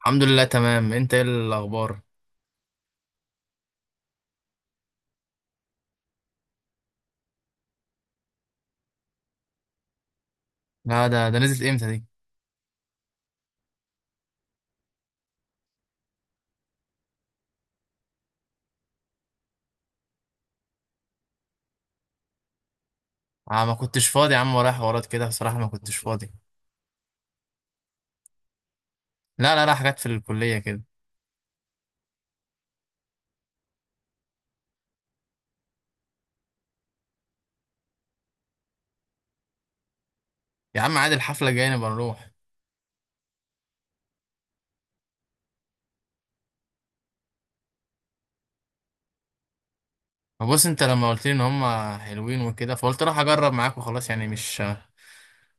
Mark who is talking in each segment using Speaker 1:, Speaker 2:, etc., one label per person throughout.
Speaker 1: الحمد لله تمام، انت ايه الاخبار؟ لا، ده نزلت امتى دي؟ آه، ما كنتش فاضي يا عم، ورايا حوارات كده. بصراحه ما كنتش فاضي. لا، لا، لا، حاجات في الكليه كده. يا عم عادي، الحفله الجايه نبقى نروح. ما بص، انت لما قلت لي ان هم حلوين وكده، فقلت راح اجرب معاك وخلاص. يعني مش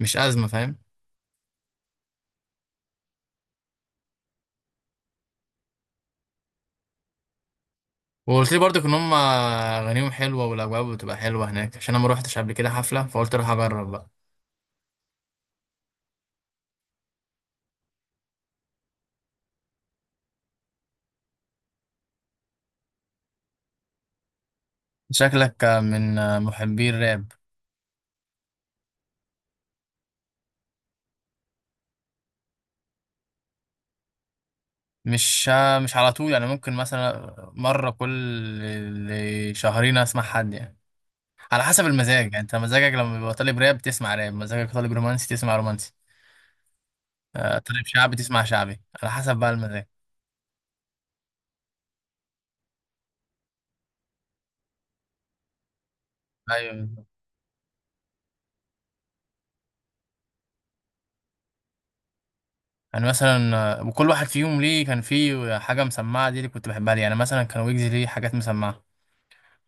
Speaker 1: مش ازمه، فاهم؟ وقلت لي برضك ان هم اغانيهم حلوه، والاجواء بتبقى حلوه هناك، عشان انا ما روحتش قبل كده حفله، فقلت راح اجرب بقى. شكلك من محبي الراب. مش مش على طول، يعني ممكن مثلا مرة كل شهرين اسمع حد يعني، على حسب المزاج. يعني انت مزاجك لما بيبقى طالب راب تسمع راب، مزاجك طالب رومانسي تسمع رومانسي. آه، طالب شعبي تسمع شعبي، على حسب بقى المزاج. ايوه، بالظبط. يعني مثلا وكل واحد فيهم ليه كان فيه حاجة مسمعة، دي اللي كنت بحبها ليه. يعني مثلا كان ويجز ليه حاجات مسمعة،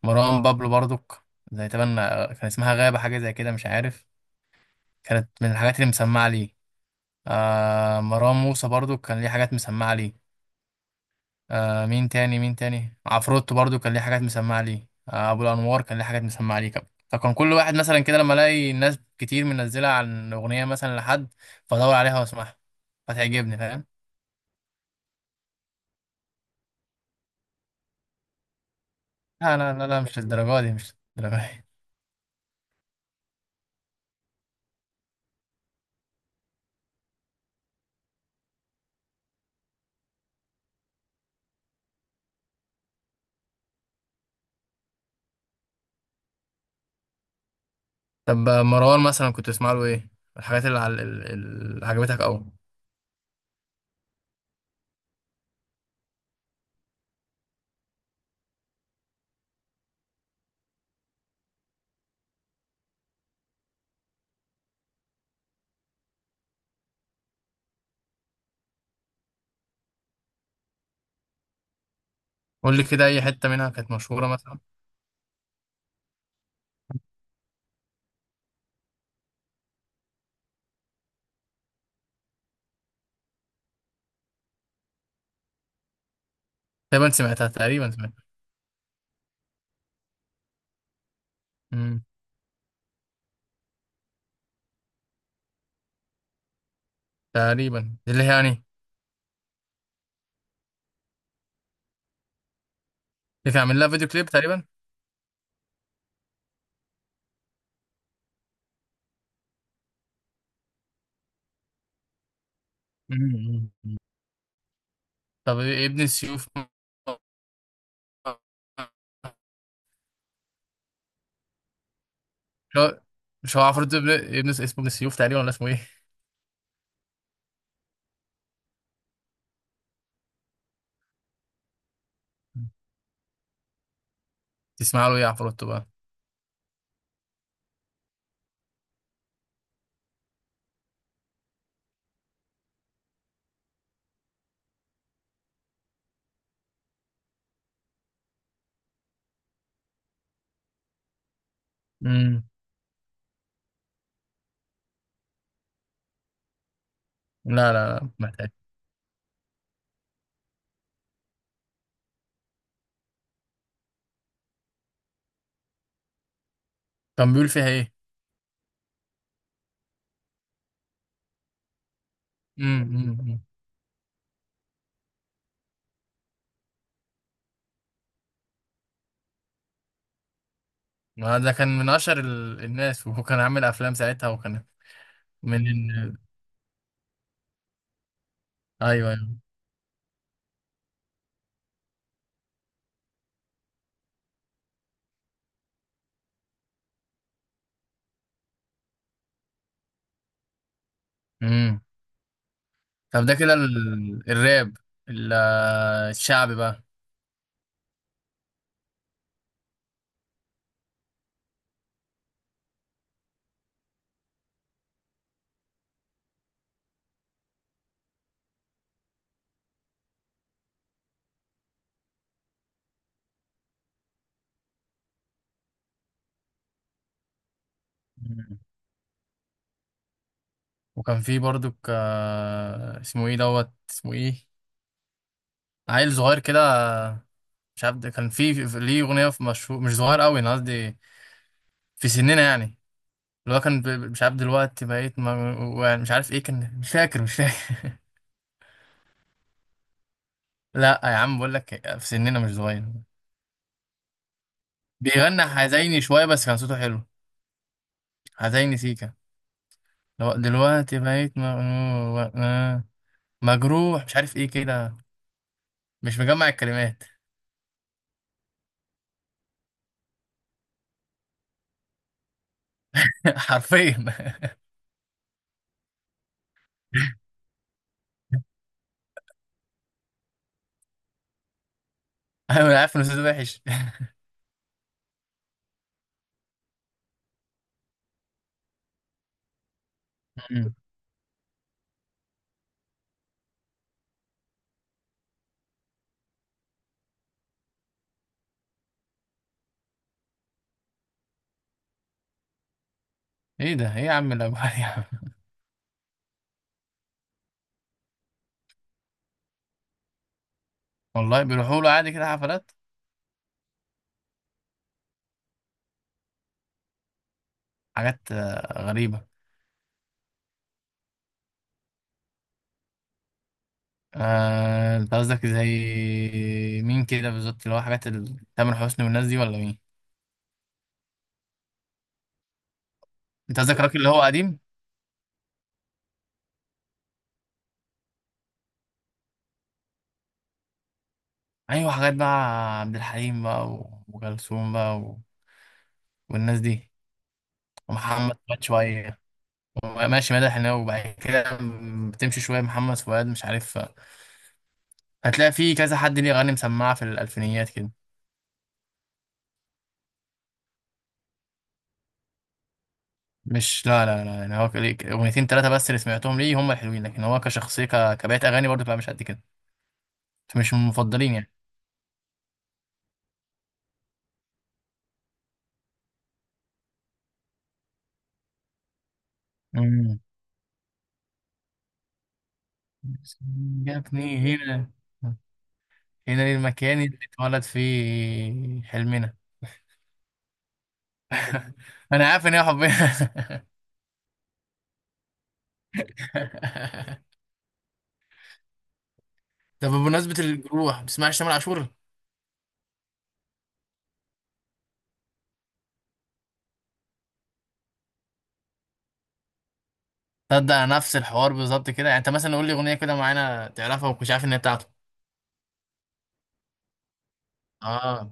Speaker 1: مروان بابلو برضك، زي تبان كان اسمها غابة، حاجة زي كده مش عارف، كانت من الحاجات اللي مسمعة ليه. مروان موسى برضو كان ليه حاجات مسمعة ليه. مين تاني، مين تاني، عفروتو برضو كان ليه حاجات مسمعة ليه. أبو الأنوار كان ليه حاجات مسمعة ليه كمان. فكان كل واحد مثلا كده، لما ألاقي ناس كتير منزلة عن أغنية مثلا لحد، فأدور عليها وأسمعها فتعجبني، فاهم. لا، لا، لا، لا، مش للدرجة دي، مش للدرجة دي. طب مروان مثلا كنت تسمع له إيه؟ الحاجات اللي, عل... ال- ال- اللي عجبتك أوي؟ قول لي كده أي حتة منها كانت مشهورة مثلا. تقريبا سمعتها، تقريبا سمعتها. مم. تقريبا دي اللي هي، يعني اللي كان عامل لها فيديو كليب تقريبا. مم. طب إيه ابن السيوف؟ مش هو مش هو عفروتو، ابن اسمه ابن السيوف تقريبا، ولا اسمه ايه؟ تسمع له ايه عفروتو بقى؟ امم. لا، لا، لا، محتاج. كان بيقول فيها ايه؟ امم. امم. ما ده كان من اشهر الناس، وهو كان عامل افلام ساعتها وكان من ال... ايوه، ايوه. امم. طب ده كده الراب، ال- الشعبي بقى. مم. وكان فيه برضو اسمه ايه، دوت، اسمه ايه؟ عيل صغير كده، مش عارف، ده كان ليه اغنيه، في مشهور، مش صغير قوي انا قصدي، في سننا يعني. اللي هو كان مش عارف، دلوقتي بقيت ما، يعني مش عارف ايه كان، مش فاكر، مش فاكر. لا يا عم، بقول لك في سننا، مش صغير. بيغنى حزيني شويه، بس كان صوته حلو. حزيني سيكا. لو دلوقتي بقيت مجروح، مش عارف ايه كده، مش مجمع الكلمات. حرفيا انا عارف ان صوته وحش. ايه ده؟ ايه يا عم الاجوال يا عم؟ والله بيروحوا له عادي كده حفلات؟ حاجات غريبه. آه، انت قصدك زي مين كده بالظبط؟ اللي هو حاجات تامر حسني والناس دي، ولا مين؟ انت قصدك الراجل اللي هو قديم. ايوه، حاجات بقى، عبد الحليم بقى و- وكلثوم بقى و... والناس دي، ومحمد فؤاد شويه. ماشي، مدح الحناوي، وبعد كده بتمشي شويه محمد فؤاد، مش عارف، هتلاقي في كذا حد ليه اغاني مسمعه في الالفينيات كده. مش لا، لا، لا، يعني هو ليه اغنيتين ثلاثه بس اللي سمعتهم ليه هم الحلوين، لكن هو كشخصيه كبقيه اغاني برضه بقى مش قد كده. مش من المفضلين. يعني جابني هنا، هنا للمكان اللي اتولد فيه حلمنا. انا عارف ان هي حبنا. طب بمناسبة الجروح، ما بتسمعش تامر عاشور؟ تصدق نفس الحوار بالظبط كده، يعني انت مثلا قول لي اغنية كده معينة تعرفها، ومش عارف ان هي بتاعته. اه،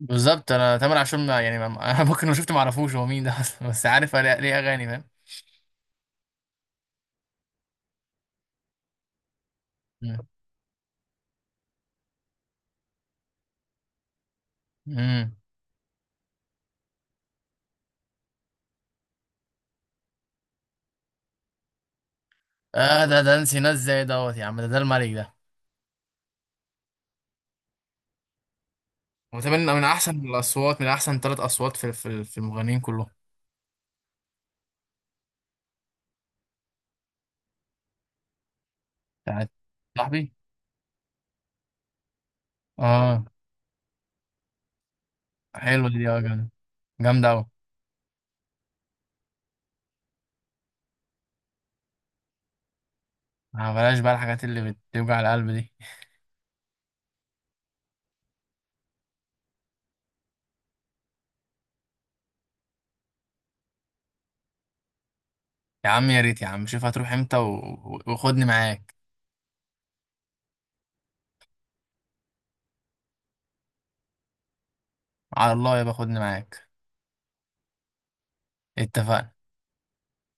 Speaker 1: بالظبط، انا تامر عاشور ما يعني ما انا ممكن لو شفت ما اعرفوش هو مين ده اصلا، بس عارف ليه اغاني، فاهم. مم. مم. اه، ده نسي ناس زي دوت يا عم، ده الملك ده. وطبعا من احسن الاصوات، من احسن 3 اصوات في المغنيين كلهم. بتاعت صاحبي. اه، حلوة دي. اه، جامدة، جامدة أوي. آه، بلاش بقى الحاجات اللي بتوجع القلب دي. يا عم يا ريت، يا عم شوف هتروح امتى وخدني معاك. على الله يبقى خدني معاك. اتفقنا.